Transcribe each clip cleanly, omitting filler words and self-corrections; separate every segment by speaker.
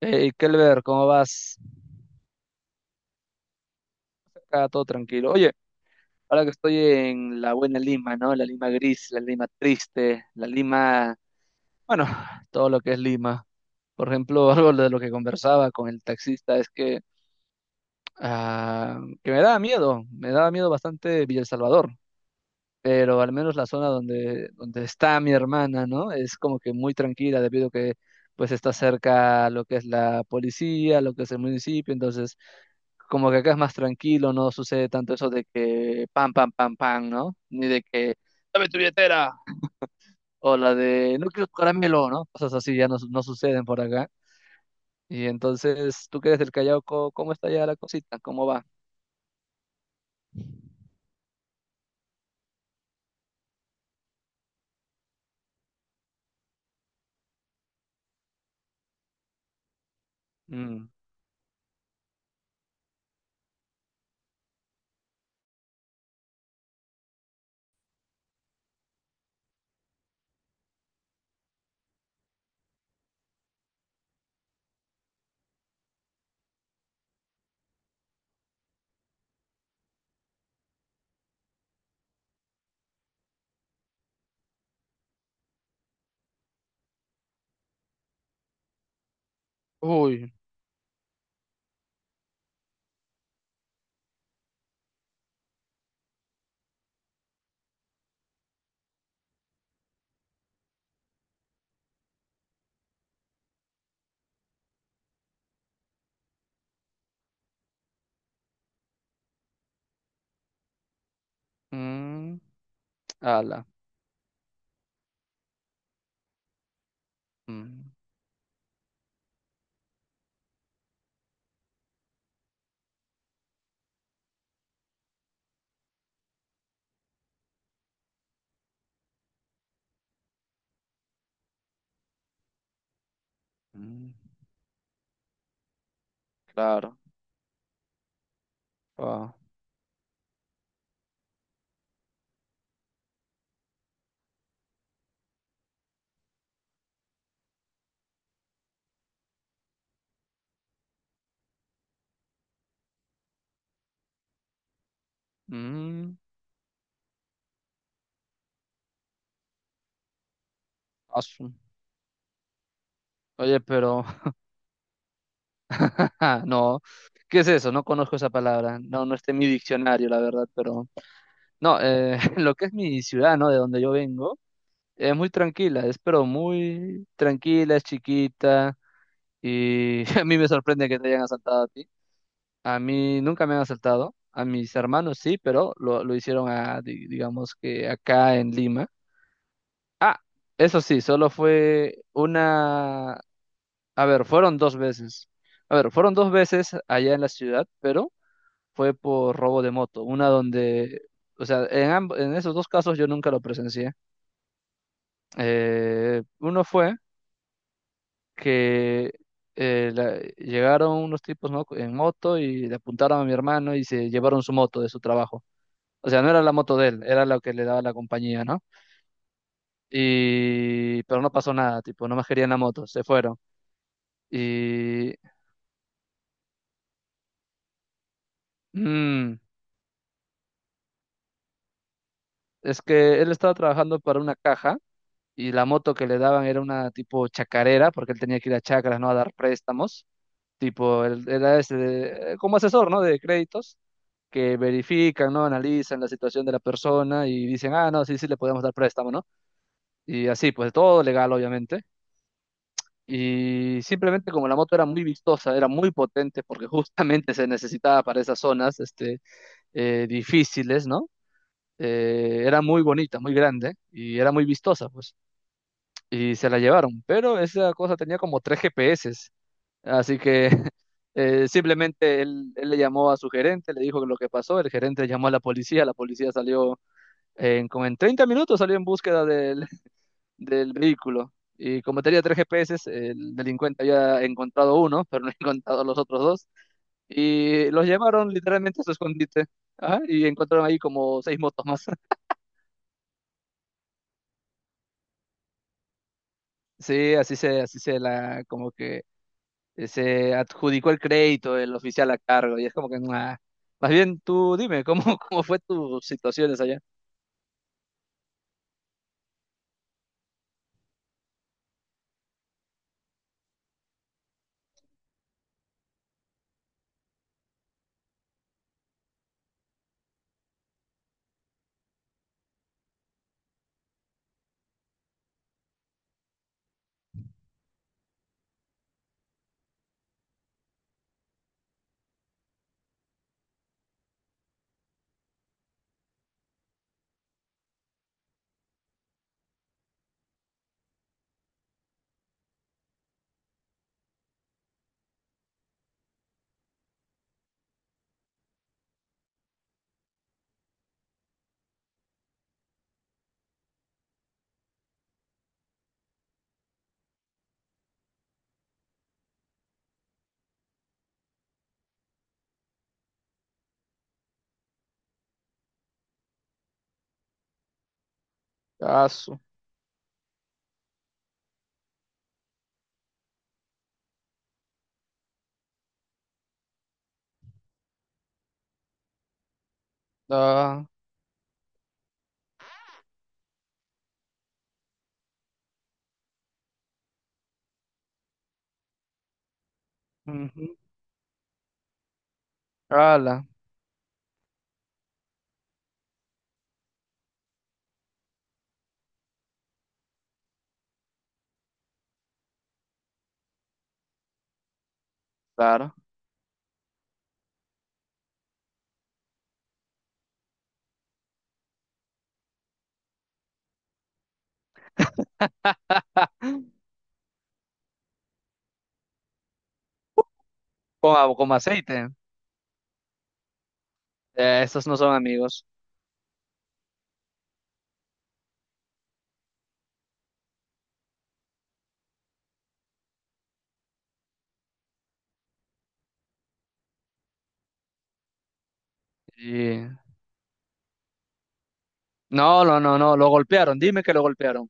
Speaker 1: Hey, Kelber, ¿cómo vas? Acá todo tranquilo. Oye, ahora que estoy en la buena Lima, ¿no? La Lima gris, la Lima triste, la Lima, bueno, todo lo que es Lima. Por ejemplo, algo de lo que conversaba con el taxista es que, ah, que me daba miedo bastante Villa El Salvador. Pero al menos la zona donde, está mi hermana, ¿no? Es como que muy tranquila debido a que pues está cerca lo que es la policía, lo que es el municipio, entonces como que acá es más tranquilo, no sucede tanto eso de que pam, pam, pam, pam, ¿no? Ni de que dame tu billetera o la de no quiero tu caramelo, ¿no? Cosas así ya no suceden por acá. Y entonces, tú que eres del Callao, ¿cómo está ya la cosita? ¿Cómo va? Mm. Uy, mm, ala, mm, mm, claro. Ah, mm, asu. Oye, pero no, ¿qué es eso? No conozco esa palabra. No, no está en mi diccionario, la verdad, pero no, lo que es mi ciudad, ¿no? De donde yo vengo, es muy tranquila, es pero muy tranquila, es chiquita y a mí me sorprende que te hayan asaltado a ti. A mí nunca me han asaltado, a mis hermanos sí, pero lo hicieron a, digamos que acá en Lima. Ah, eso sí, solo fue una. A ver, fueron dos veces. A ver, fueron dos veces allá en la ciudad, pero fue por robo de moto. Una donde, o sea, en esos dos casos yo nunca lo presencié. Uno fue que eh, la- llegaron unos tipos, ¿no? en moto y le apuntaron a mi hermano y se llevaron su moto de su trabajo. O sea, no era la moto de él, era la que le daba la compañía, ¿no? Pero no pasó nada, tipo, no más querían la moto, se fueron. Y, mm, es que él estaba trabajando para una caja y la moto que le daban era una tipo chacarera, porque él tenía que ir a chacras, ¿no? A dar préstamos, tipo, él era ese como asesor, ¿no? De créditos, que verifican, ¿no? Analizan la situación de la persona y dicen, ah, no, sí, sí, le podemos dar préstamo, ¿no? Y así, pues todo legal, obviamente. Y simplemente como la moto era muy vistosa, era muy potente, porque justamente se necesitaba para esas zonas, este, difíciles, ¿no? Era muy bonita, muy grande y era muy vistosa, pues. Y se la llevaron, pero esa cosa tenía como tres GPS, así que simplemente él le llamó a su gerente, le dijo lo que pasó, el gerente llamó a la policía salió como en 30 minutos, salió en búsqueda del vehículo y como tenía tres GPS, el delincuente había encontrado uno, pero no encontrado los otros dos y los llevaron literalmente a su escondite. Ajá, y encontraron ahí como seis motos más. Sí, así se la, como que se adjudicó el crédito el oficial a cargo y es como que "Nah". Más bien tú dime cómo cómo fue tus situaciones allá. Ah, ah, ujú, ala, claro. Con aceite. Estos no son amigos. Y. No, no, no, no, lo golpearon. Dime que lo golpearon.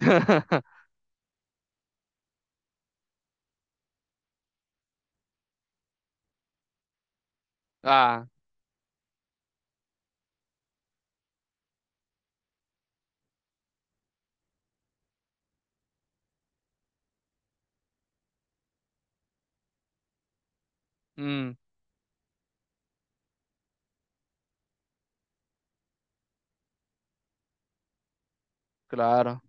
Speaker 1: Ah, mm, claro.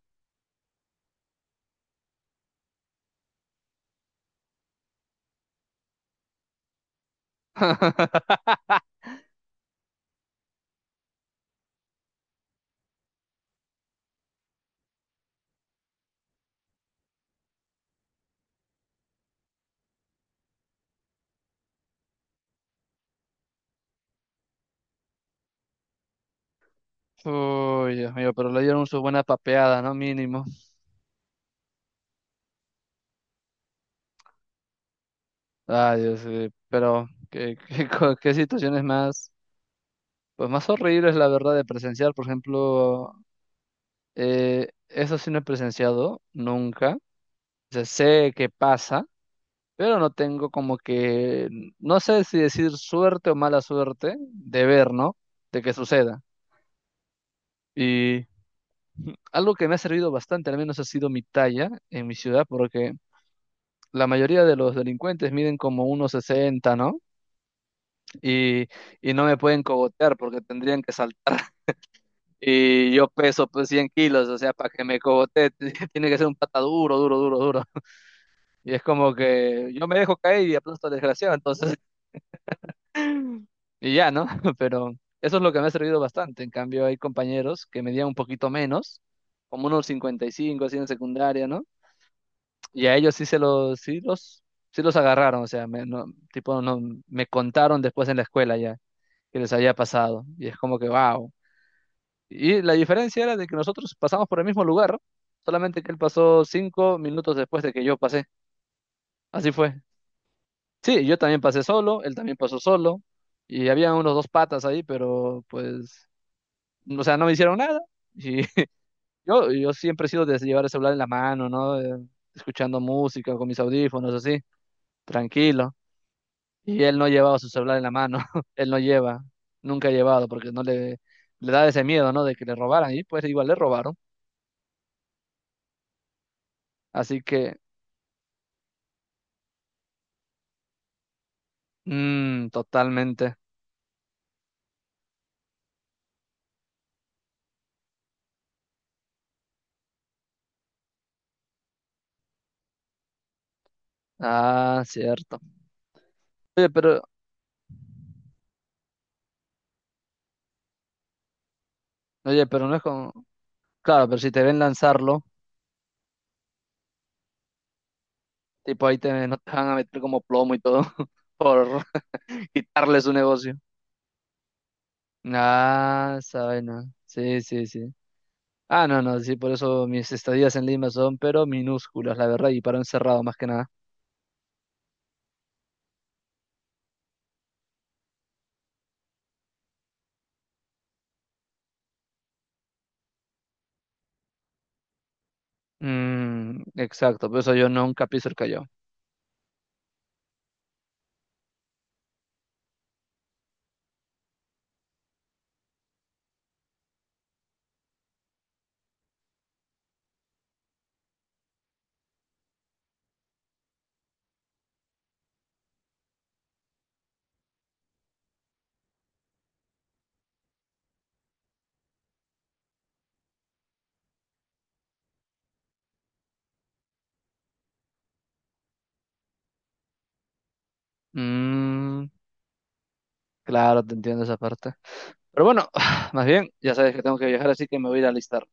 Speaker 1: Uy, Dios mío, pero le dieron su buena papeada, ¿no? Mínimo. Ay, Dios, sí, pero, ¿qué, qué situaciones más? Pues más horrible es la verdad de presenciar, por ejemplo, eso sí no he presenciado nunca. O sea, sé que pasa, pero no tengo como que, no sé si decir suerte o mala suerte de ver, ¿no? De que suceda. Y algo que me ha servido bastante, al menos ha sido mi talla en mi ciudad, porque la mayoría de los delincuentes miden como 1,60, ¿no? Y, y no me pueden cogotear porque tendrían que saltar. Y yo peso pues 100 kilos, o sea, para que me cogote tiene que ser un pata duro, duro, duro, duro. Y es como que yo me dejo caer y aplasto al desgraciado, entonces, y ya, ¿no? Pero eso es lo que me ha servido bastante. En cambio, hay compañeros que medían un poquito menos, como unos 55 así en secundaria, ¿no? Y a ellos sí se los, sí los, sí los agarraron, o sea, no, tipo, no, me contaron después en la escuela ya que les había pasado. Y es como que, wow. Y la diferencia era de que nosotros pasamos por el mismo lugar, solamente que él pasó 5 minutos después de que yo pasé. Así fue. Sí, yo también pasé solo, él también pasó solo, y había unos dos patas ahí, pero pues, o sea, no me hicieron nada. Y yo siempre he sido de llevar el celular en la mano, ¿no? Escuchando música con mis audífonos, así, tranquilo. Y él no llevaba su celular en la mano, él no lleva, nunca ha llevado, porque no le da ese miedo, ¿no? De que le robaran, y pues igual le robaron. Así que. Mm, totalmente. Ah, cierto. Oye, pero, oye, pero no es como. Claro, pero si te ven lanzarlo, tipo ahí no te van a meter como plomo y todo por quitarle su negocio. Ah, esa vaina. Sí, sí, sí. Ah, no, no, sí, por eso mis estadías en Lima son, pero minúsculas, la verdad, y para un cerrado más que nada. Mm, exacto, por eso yo nunca piso el Callao. Mm, claro, te entiendo esa parte. Pero bueno, más bien, ya sabes que tengo que viajar, así que me voy a ir a alistar.